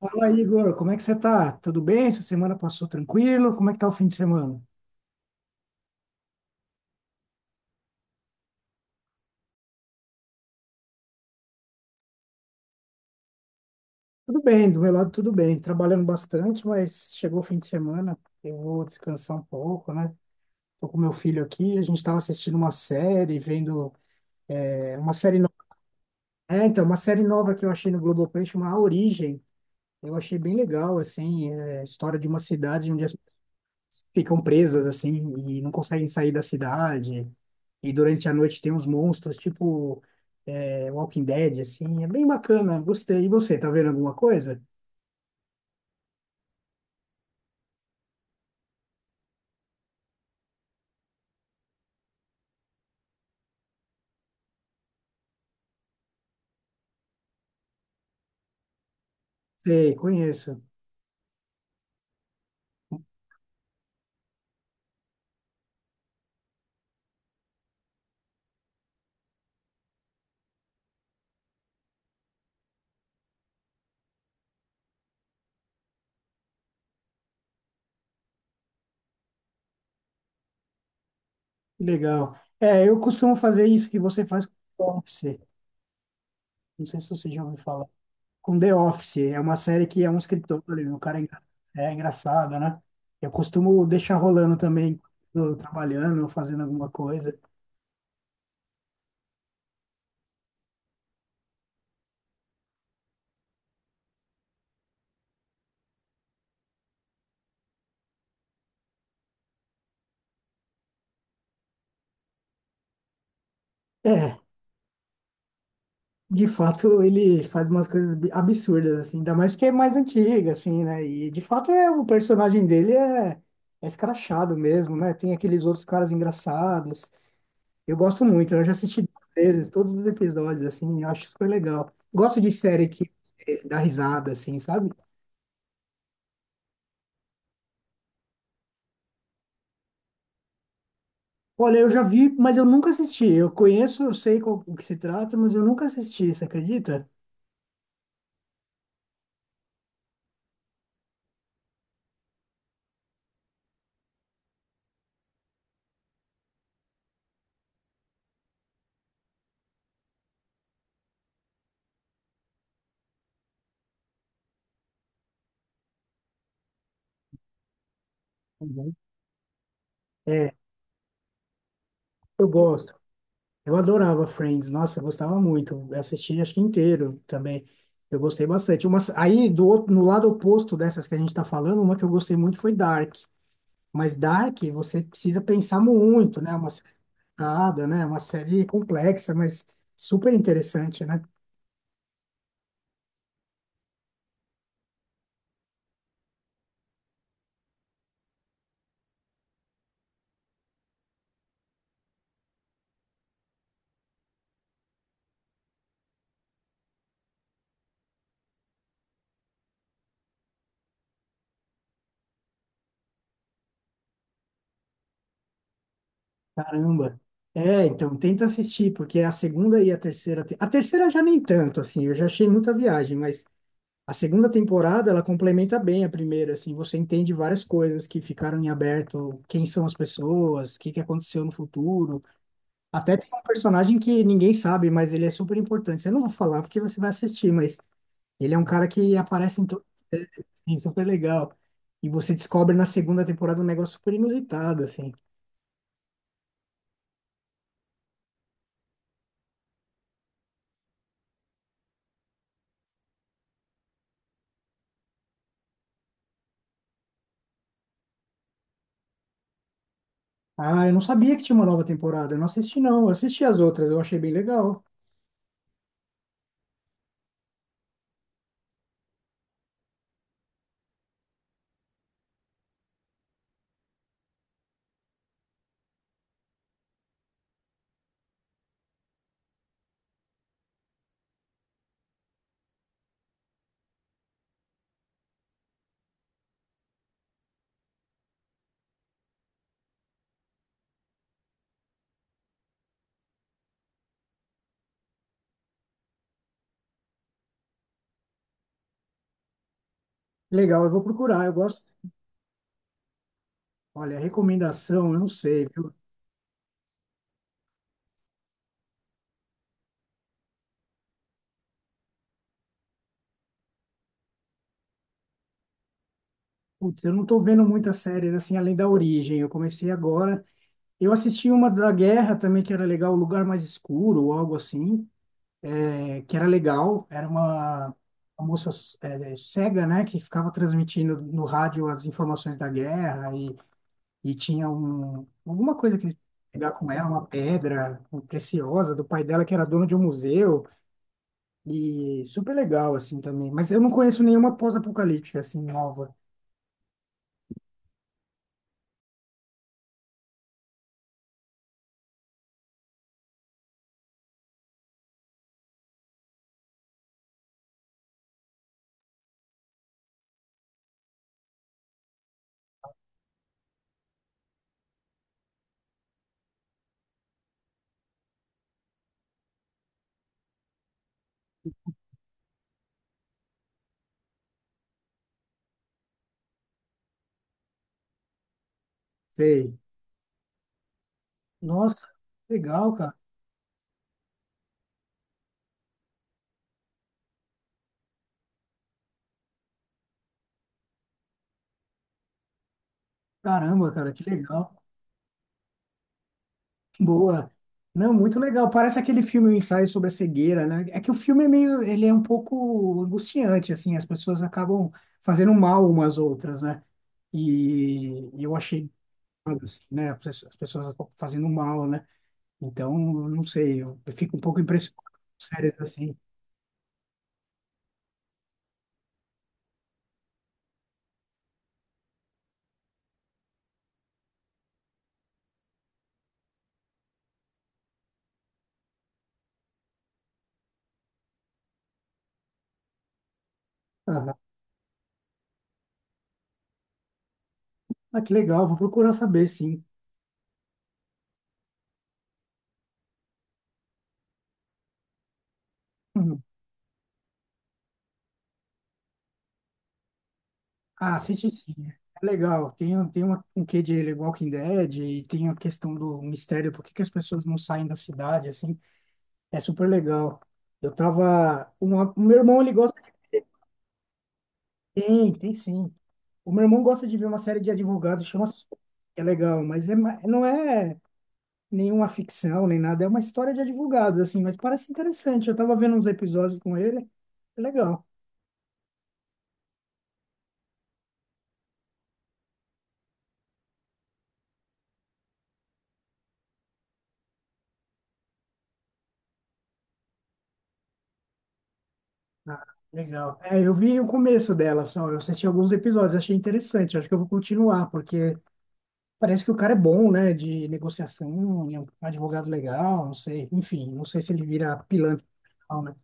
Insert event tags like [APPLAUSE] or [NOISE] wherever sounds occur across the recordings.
Fala aí, Igor, como é que você tá? Tudo bem? Essa semana passou tranquilo? Como é que tá o fim de semana? Tudo bem, do meu lado tudo bem. Trabalhando bastante, mas chegou o fim de semana, eu vou descansar um pouco, né? Tô com meu filho aqui, a gente tava assistindo uma série, vendo uma série nova. Uma série nova que eu achei no Globoplay chama A Origem. Eu achei bem legal, assim, a história de uma cidade onde ficam presas assim e não conseguem sair da cidade. E durante a noite tem uns monstros, tipo Walking Dead, assim. É bem bacana, gostei. E você, tá vendo alguma coisa? Sei, conheço. Que legal. É, eu costumo fazer isso que você faz com The Office. Não sei se você já ouviu falar. Com The Office. É uma série que é um escritório, o cara é, engra- é engraçado, né? Eu costumo deixar rolando também, quando eu tô trabalhando, ou fazendo alguma coisa. É, de fato, ele faz umas coisas absurdas, assim, ainda mais porque é mais antiga, assim, né? E de fato o personagem dele é escrachado mesmo, né? Tem aqueles outros caras engraçados. Eu gosto muito, eu já assisti duas vezes todos os episódios, assim, eu acho super legal. Gosto de série que dá risada, assim, sabe? Olha, eu já vi, mas eu nunca assisti. Eu conheço, eu sei o que se trata, mas eu nunca assisti, você acredita? Uhum. É, eu gosto. Eu adorava Friends, nossa, eu gostava muito. Eu assisti acho que inteiro também. Eu gostei bastante. Uma, aí do outro, no lado oposto dessas que a gente está falando, uma que eu gostei muito foi Dark. Mas Dark, você precisa pensar muito, né? Uma série complicada, né? Uma série complexa, mas super interessante, né? Caramba. É, então tenta assistir, porque a segunda e a terceira, a terceira já nem tanto assim, eu já achei muita viagem, mas a segunda temporada, ela complementa bem a primeira, assim, você entende várias coisas que ficaram em aberto, quem são as pessoas, o que que aconteceu no futuro. Até tem um personagem que ninguém sabe, mas ele é super importante. Eu não vou falar porque você vai assistir, mas ele é um cara que aparece em to... é, é super legal. E você descobre na segunda temporada um negócio super inusitado, assim. Ah, eu não sabia que tinha uma nova temporada. Eu não assisti, não. Eu assisti as outras, eu achei bem legal. Legal, eu vou procurar, eu gosto. Olha, recomendação, eu não sei. Putz, eu não tô vendo muitas séries assim além da Origem. Eu comecei agora. Eu assisti uma da Guerra também que era legal, O Lugar Mais Escuro ou algo assim, que era legal. Era uma moça cega, né, que ficava transmitindo no rádio as informações da guerra e tinha um, alguma coisa que eles pegar com ela, uma pedra preciosa do pai dela que era dono de um museu e super legal assim também. Mas eu não conheço nenhuma pós-apocalíptica assim nova. Sei. Nossa, legal, cara. Caramba, cara, que legal. Boa. Não, muito legal. Parece aquele filme, O Ensaio sobre a Cegueira, né? É que o filme é meio, ele é um pouco angustiante, assim, as pessoas acabam fazendo mal umas outras, né? E eu achei, assim, né? As pessoas fazendo mal, né? Então, não sei, eu fico um pouco impressionado com séries assim. Aham. Ah, que legal, vou procurar saber, sim. Uhum. Ah, assisti sim. É legal. Tem uma, um quê de Walking Dead e tem a questão do mistério, por que que as pessoas não saem da cidade, assim. É super legal. Eu tava... Uma, o meu irmão, ele gosta... Tem, tem sim. O meu irmão gosta de ver uma série de advogados, chama... Su- é legal, mas não é nenhuma ficção, nem nada. É uma história de advogados, assim, mas parece interessante. Eu tava vendo uns episódios com ele. É legal. Ah, legal. É, eu vi o começo dela só, eu assisti alguns episódios, achei interessante. Acho que eu vou continuar, porque parece que o cara é bom, né, de negociação, é um advogado legal, não sei. Enfim, não sei se ele vira pilantra, não, né?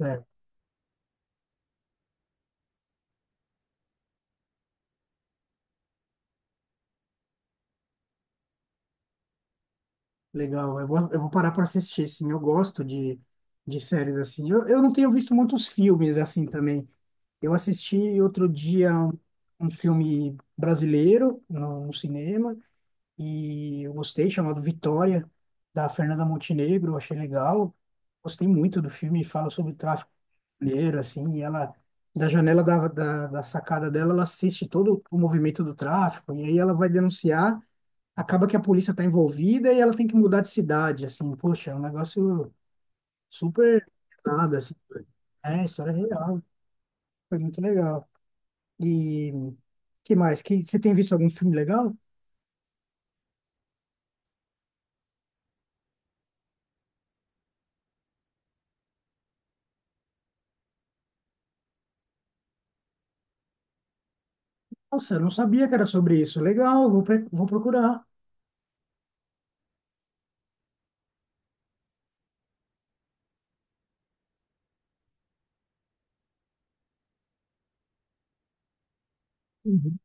É, legal. Eu vou parar para assistir, sim. Eu gosto de séries assim. Eu não tenho visto muitos filmes assim também. Eu assisti outro dia um, um filme brasileiro no cinema. E eu gostei, chamado Vitória, da Fernanda Montenegro, achei legal. Gostei muito do filme, fala sobre o tráfico mineiro, assim, e ela, da janela da, da, da sacada dela, ela assiste todo o movimento do tráfico, e aí ela vai denunciar, acaba que a polícia está envolvida e ela tem que mudar de cidade, assim, poxa, é um negócio super nada, assim, é, história é real, foi muito legal. E que mais? Que, você tem visto algum filme legal? Nossa, eu não sabia que era sobre isso. Legal, vou, vou procurar. Uhum.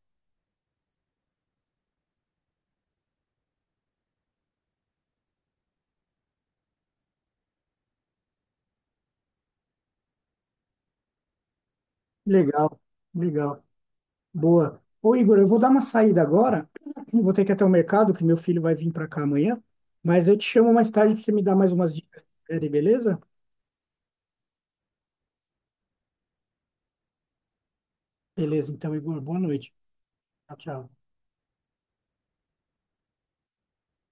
Legal, legal. Boa. Ô, Igor, eu vou dar uma saída agora. [CLEARS THROAT] Vou ter que ir até o mercado, que meu filho vai vir para cá amanhã. Mas eu te chamo mais tarde para você me dar mais umas dicas de série, beleza? Beleza, então, Igor, boa noite. Tchau, tchau.